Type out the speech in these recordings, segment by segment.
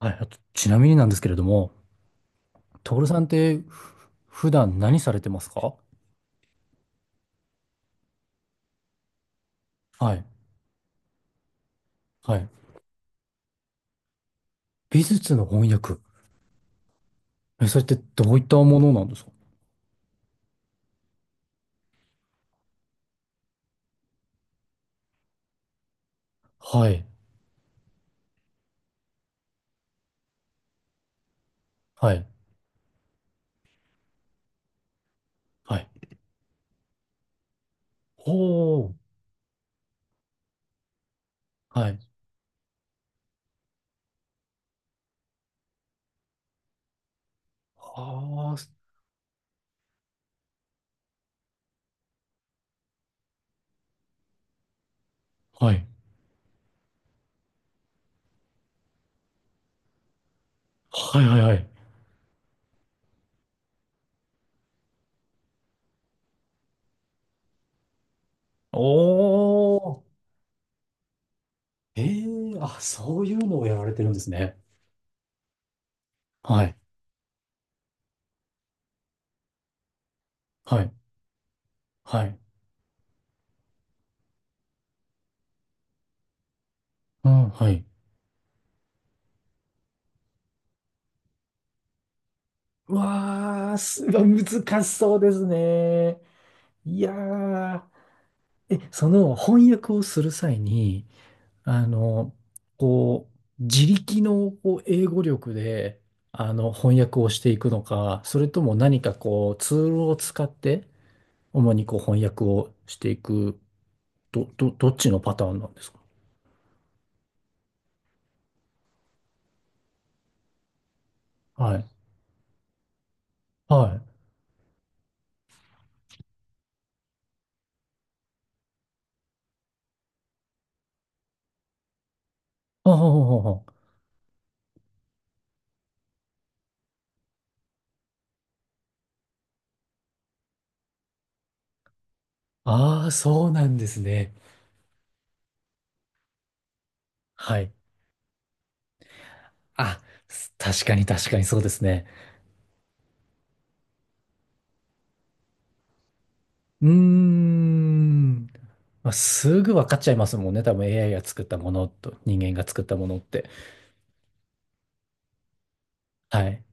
はい、あと、ちなみになんですけれども、徹さんって普段何されてますか？はい、はい。美術の翻訳。え、それってどういったものなんですか？はい、はい、はい。おー、はい。はあ。はい、はい、はい、はい。おー、あ、そういうのをやられてるんですね。はい、はい、はい。うん、はい。うわー、すごい難しそうですね。いやー。え、その翻訳をする際に、あの、こう、自力のこう英語力で、翻訳をしていくのか、それとも何かこう、ツールを使って、主にこう、翻訳をしていく、どっちのパターンなんですか？はい。はい。ああ、ああああそうなんですね。はい。あ、確かに確かにそうですね。うーん。まあ、すぐ分かっちゃいますもんね。多分 AI が作ったものと人間が作ったものって。はい。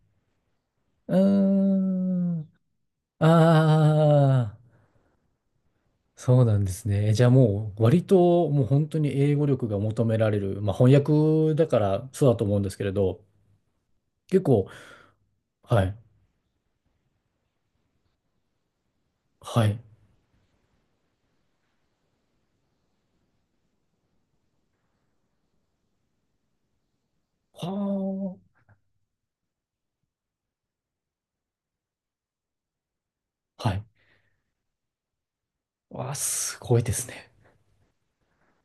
うーん。ああ、そうなんですね。じゃあもう割ともう本当に英語力が求められる。まあ翻訳だからそうだと思うんですけれど、結構、はい。はい。はあ。はい。わあ、すごいですね。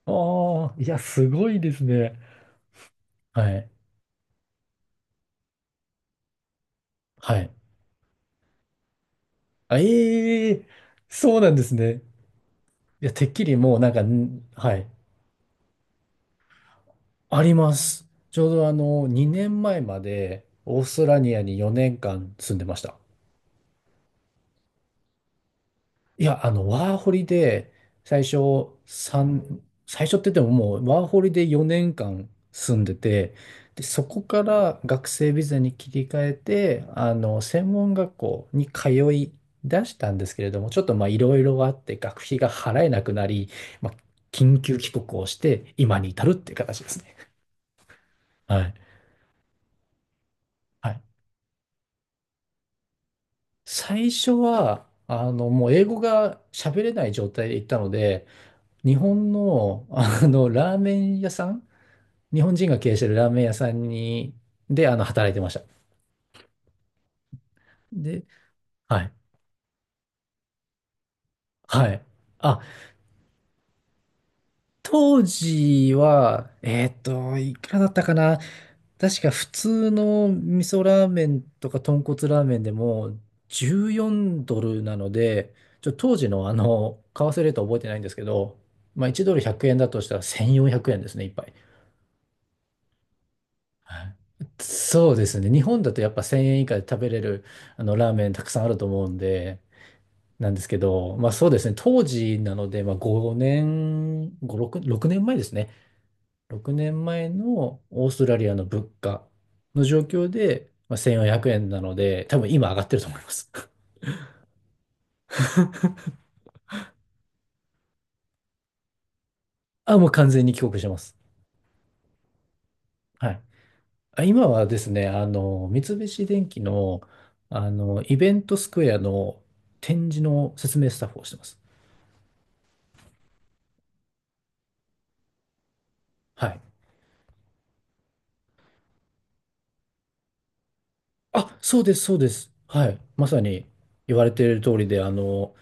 ああ、いや、すごいですね。はい。はい。あええ、そうなんですね。いや、てっきりもうなんか、ん、はい、あります。ちょうど2年前までオーストラリアに4年間住んでました。いや、ワーホリで最初三最初って言ってももうワーホリで4年間住んでて、で、そこから学生ビザに切り替えて、専門学校に通い出したんですけれども、ちょっとまあいろいろあって学費が払えなくなり、まあ、緊急帰国をして今に至るっていう形ですね。はい、はい。最初は、もう英語が喋れない状態で行ったので、日本の、ラーメン屋さん、日本人が経営してるラーメン屋さんに、で、働いてました。で、はい。はい。あ、当時は、いくらだったかな？確か普通の味噌ラーメンとか豚骨ラーメンでも14ドルなので、当時の為替レートは覚えてないんですけど、まあ1ドル100円だとしたら1400円ですね、一杯。はい、そうですね。日本だとやっぱ1000円以下で食べれるあのラーメンたくさんあると思うんで、なんですけど、まあそうですね。当時なので、まあ5年、5、6、6年前ですね。6年前のオーストラリアの物価の状況で、まあ、1400円なので、多分今上がってると思います。あ、もう完全に帰国してます。はい。あ、今はですね、三菱電機の、イベントスクエアの展示の説明スタッフをしてます。はい。あ、そうです、そうです。はい。まさに言われている通りで、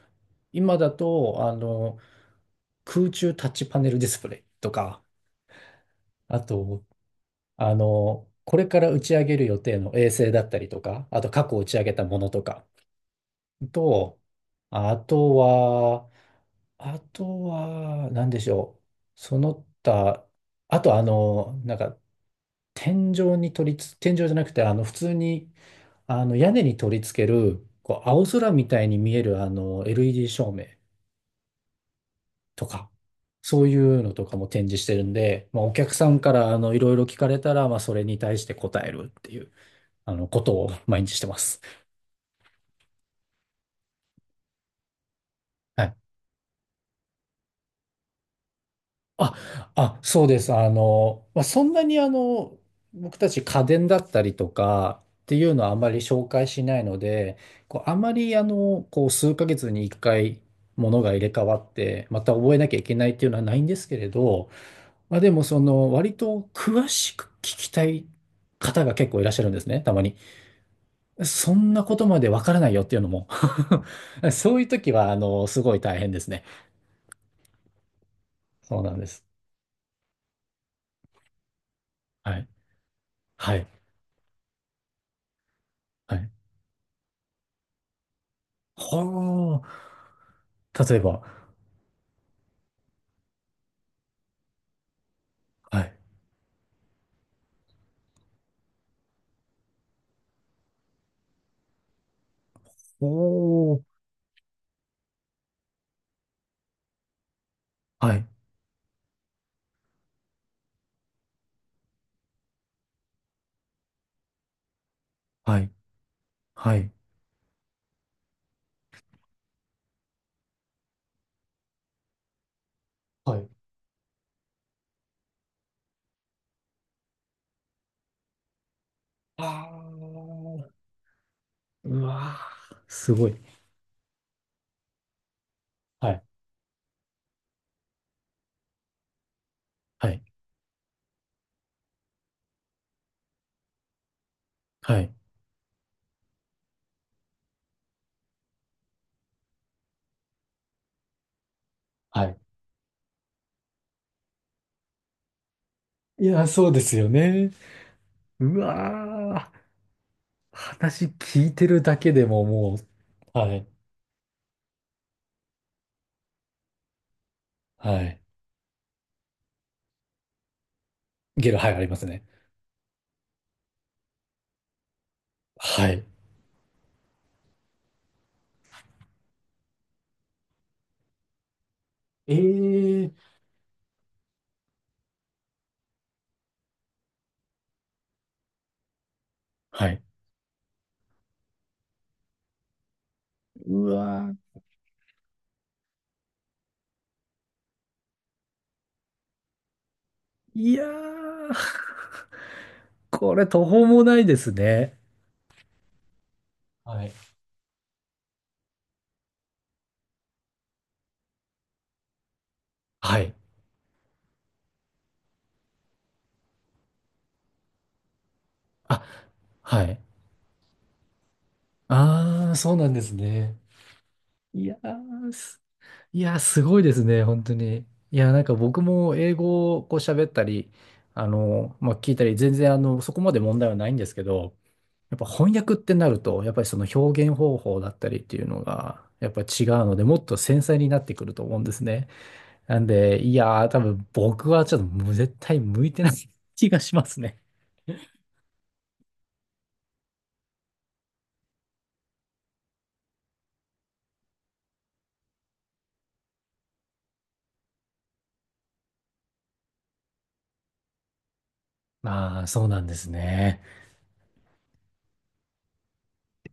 今だと、空中タッチパネルディスプレイとか、あと、これから打ち上げる予定の衛星だったりとか、あと過去打ち上げたものとかと、あとは、何でしょう。その他、あとなんか、天井に取りつ、天井じゃなくて、普通に、屋根に取り付ける、こう、青空みたいに見える、LED 照明とか、そういうのとかも展示してるんで、まあ、お客さんから、いろいろ聞かれたら、まあ、それに対して答えるっていう。ことを毎日してます。はい。あ、あ、そうです。まあ、そんなに僕たち家電だったりとかっていうのはあまり紹介しないので、こう、あまりこう、数ヶ月に一回物が入れ替わって、また覚えなきゃいけないっていうのはないんですけれど、まあ、でもその、割と詳しく聞きたい方が結構いらっしゃるんですね、たまに。そんなことまでわからないよっていうのも そういう時は、すごい大変ですね。そうなんです。はい、はい。はい。はあ。例えば、はい。おー。はい。はい。はい。はい。ああ。うわー。すごい。はい。はい。はい。はい。いやー、そうですよね。うわー。話聞いてるだけでももう、はい。はい。ゲロ、はい、ありますね。はい。ええ、はい。うわー。いやー。これ途方もないですね。はい。はい。あ、はい。ああ、そうなんですね。いやー、いやー、すごいですね、本当に。いやー、なんか僕も英語をこう喋ったり、まあ、聞いたり、全然そこまで問題はないんですけど、やっぱ翻訳ってなると、やっぱりその表現方法だったりっていうのが、やっぱ違うので、もっと繊細になってくると思うんですね。なんで、いやー、多分僕はちょっともう絶対向いてない気がしますね。ああ、そうなんですね。